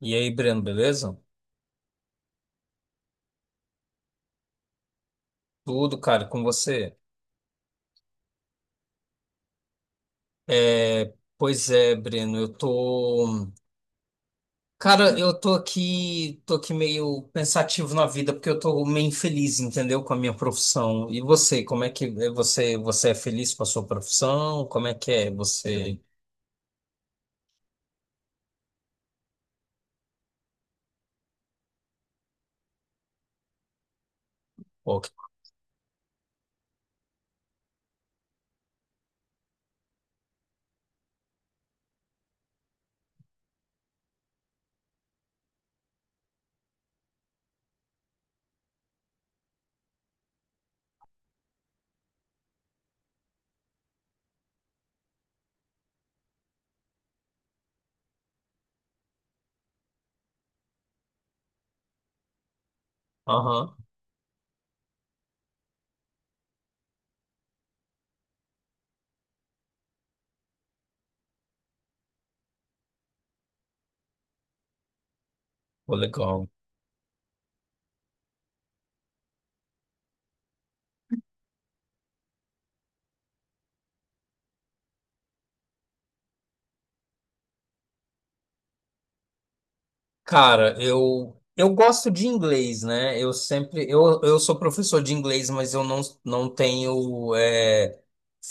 E aí, Breno, beleza? Tudo, cara, com você? É, pois é, Breno, eu tô. Cara, eu tô aqui meio pensativo na vida, porque eu tô meio infeliz, entendeu? Com a minha profissão. E você, como é que é você é feliz com a sua profissão? Como é que é você? Pô, que- Aham, pô, legal. Cara, eu gosto de inglês, né? Eu sou professor de inglês, mas eu não tenho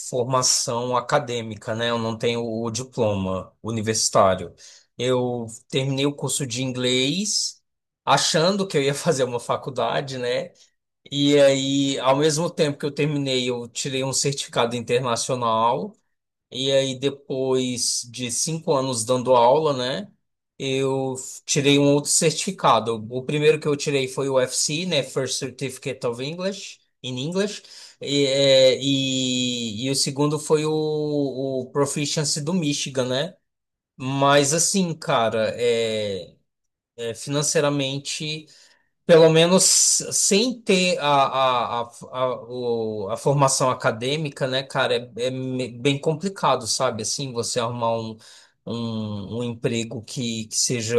formação acadêmica, né? Eu não tenho o diploma universitário. Eu terminei o curso de inglês achando que eu ia fazer uma faculdade, né? E aí, ao mesmo tempo que eu terminei, eu tirei um certificado internacional. E aí, depois de 5 anos dando aula, né? Eu tirei um outro certificado. O primeiro que eu tirei foi o FC, né? First Certificate of English, in English. E o segundo foi o Proficiency do Michigan, né? Mas assim, cara, financeiramente. Pelo menos sem ter a formação acadêmica, né, cara, bem complicado, sabe? Assim, você arrumar um emprego que, que seja,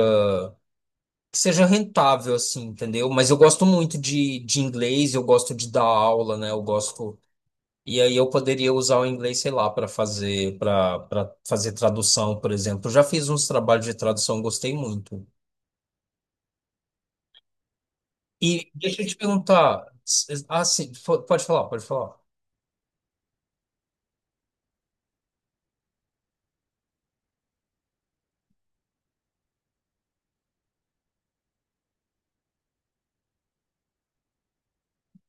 que seja rentável, assim, entendeu? Mas eu gosto muito de inglês, eu gosto de dar aula, né? Eu gosto. E aí eu poderia usar o inglês, sei lá, para fazer tradução, por exemplo. Eu já fiz uns trabalhos de tradução, gostei muito. E deixa eu te perguntar. Ah, sim, pode falar, pode falar.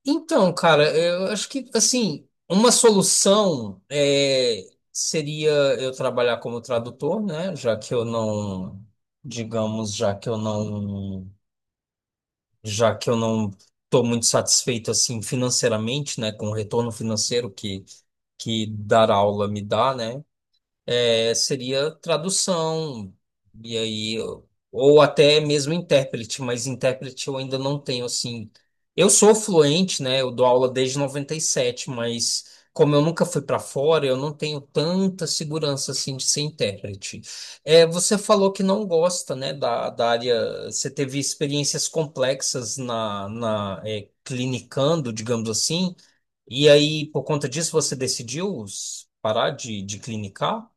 Então, cara, eu acho que, assim, uma solução seria eu trabalhar como tradutor, né? Já que eu não, digamos, já que eu não estou muito satisfeito, assim, financeiramente, né? Com o retorno financeiro que dar aula me dá, né? Seria tradução, e aí, ou até mesmo intérprete, mas intérprete eu ainda não tenho, assim. Eu sou fluente, né? Eu dou aula desde 97, mas como eu nunca fui para fora, eu não tenho tanta segurança, assim, de ser intérprete. É, você falou que não gosta, né, da área, você teve experiências complexas na, clinicando, digamos assim, e aí, por conta disso, você decidiu parar de clinicar?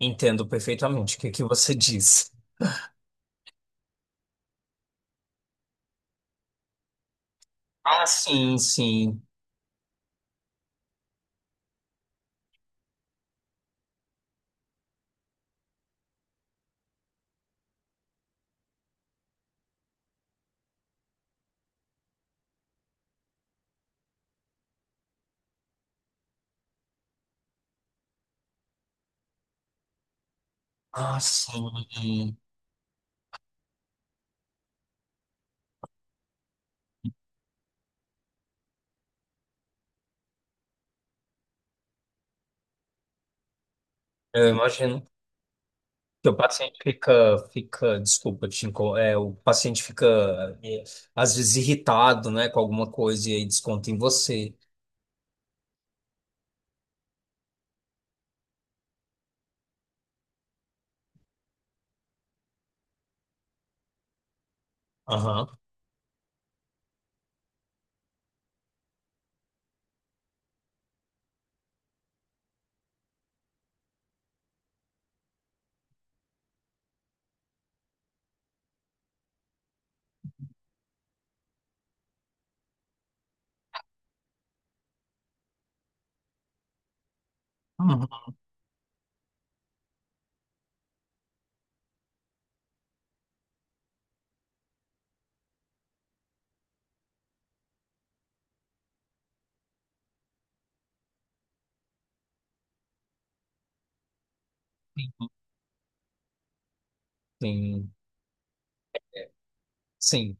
Entendo perfeitamente o que que você diz. Ah, sim, sim. Ah, sim. Eu imagino que o paciente fica, desculpa, o paciente fica às vezes irritado, né, com alguma coisa e aí desconta em você. Aham. Uhum. Sim, sim.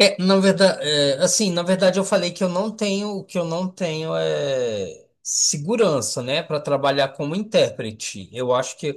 É, na verdade, assim, na verdade eu falei que eu não tenho, o que eu não tenho é segurança, né, para trabalhar como intérprete. Eu acho que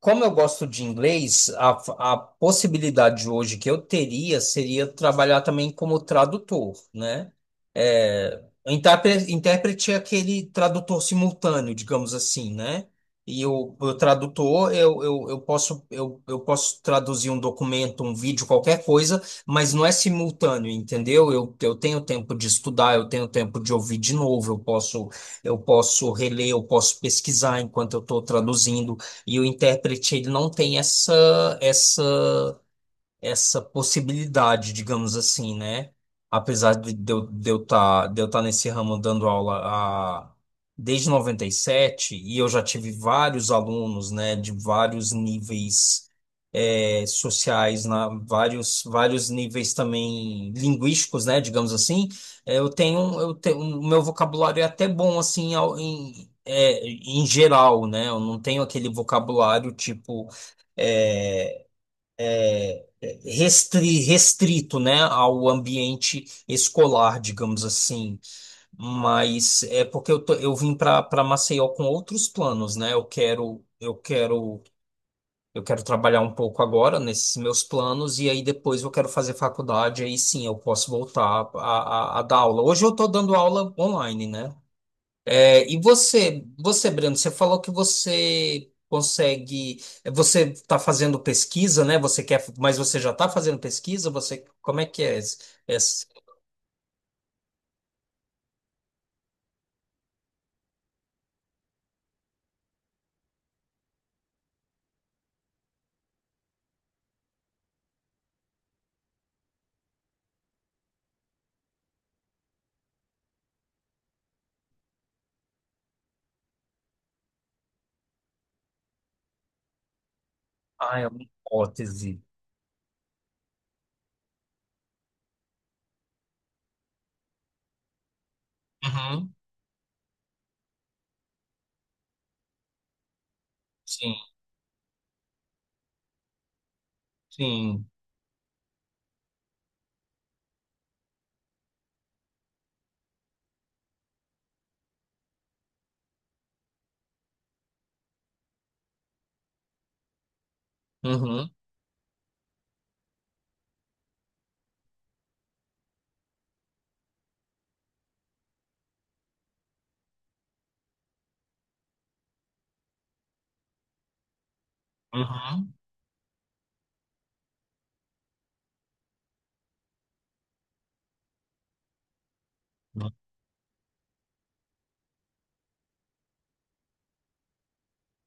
como eu gosto de inglês, a possibilidade hoje que eu teria seria trabalhar também como tradutor, né? É, O intérprete é aquele tradutor simultâneo, digamos assim, né? E o tradutor, eu posso, eu posso traduzir um documento, um vídeo, qualquer coisa, mas não é simultâneo, entendeu? Eu tenho tempo de estudar, eu tenho tempo de ouvir de novo, eu posso, reler, eu posso pesquisar enquanto eu estou traduzindo. E o intérprete, ele não tem essa possibilidade, digamos assim, né? Apesar de eu tá nesse ramo dando aula a, desde 97, e sete, e eu já tive vários alunos, né, de vários níveis sociais, vários níveis também linguísticos, né, digamos assim, o meu vocabulário é até bom, assim, em geral, né, eu não tenho aquele vocabulário, tipo, restrito, né, ao ambiente escolar, digamos assim. Mas é porque eu vim para Maceió com outros planos, né? Eu quero trabalhar um pouco agora nesses meus planos e aí depois eu quero fazer faculdade, aí sim eu posso voltar a dar aula. Hoje eu estou dando aula online, né? E você, Breno, você falou que você consegue, você está fazendo pesquisa, né? Você quer, mas você já está fazendo pesquisa? Você, como é que é essa? Ah, é uma hipótese. Uhum, sim, sim. Uhum, uhum,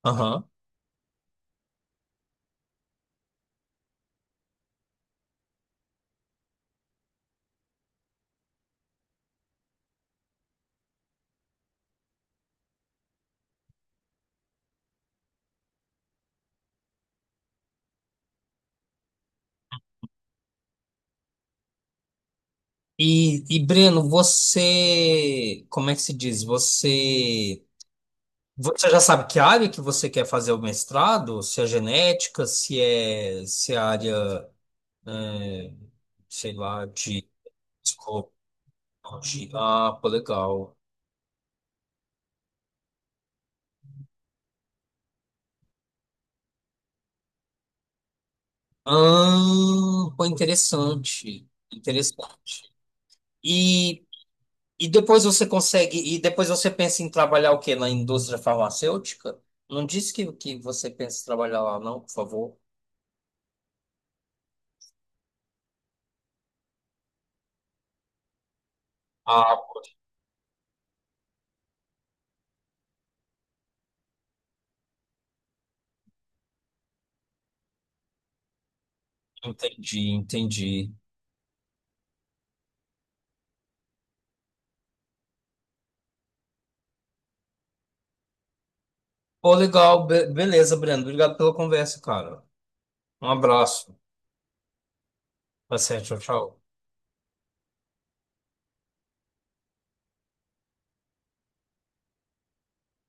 uhum. E Breno, você, como é que se diz? Você já sabe que área que você quer fazer o mestrado? Se é genética, se é área, é, sei lá, de Discord. Ah, pô, legal. Ah, pô, interessante. Interessante. E, e depois você consegue. E depois você pensa em trabalhar o quê? Na indústria farmacêutica? Não disse que você pensa em trabalhar lá, não, por favor. Ah, entendi, entendi. Pô, legal. Beleza, Breno. Obrigado pela conversa, cara. Um abraço. Tá certo, tchau, tchau.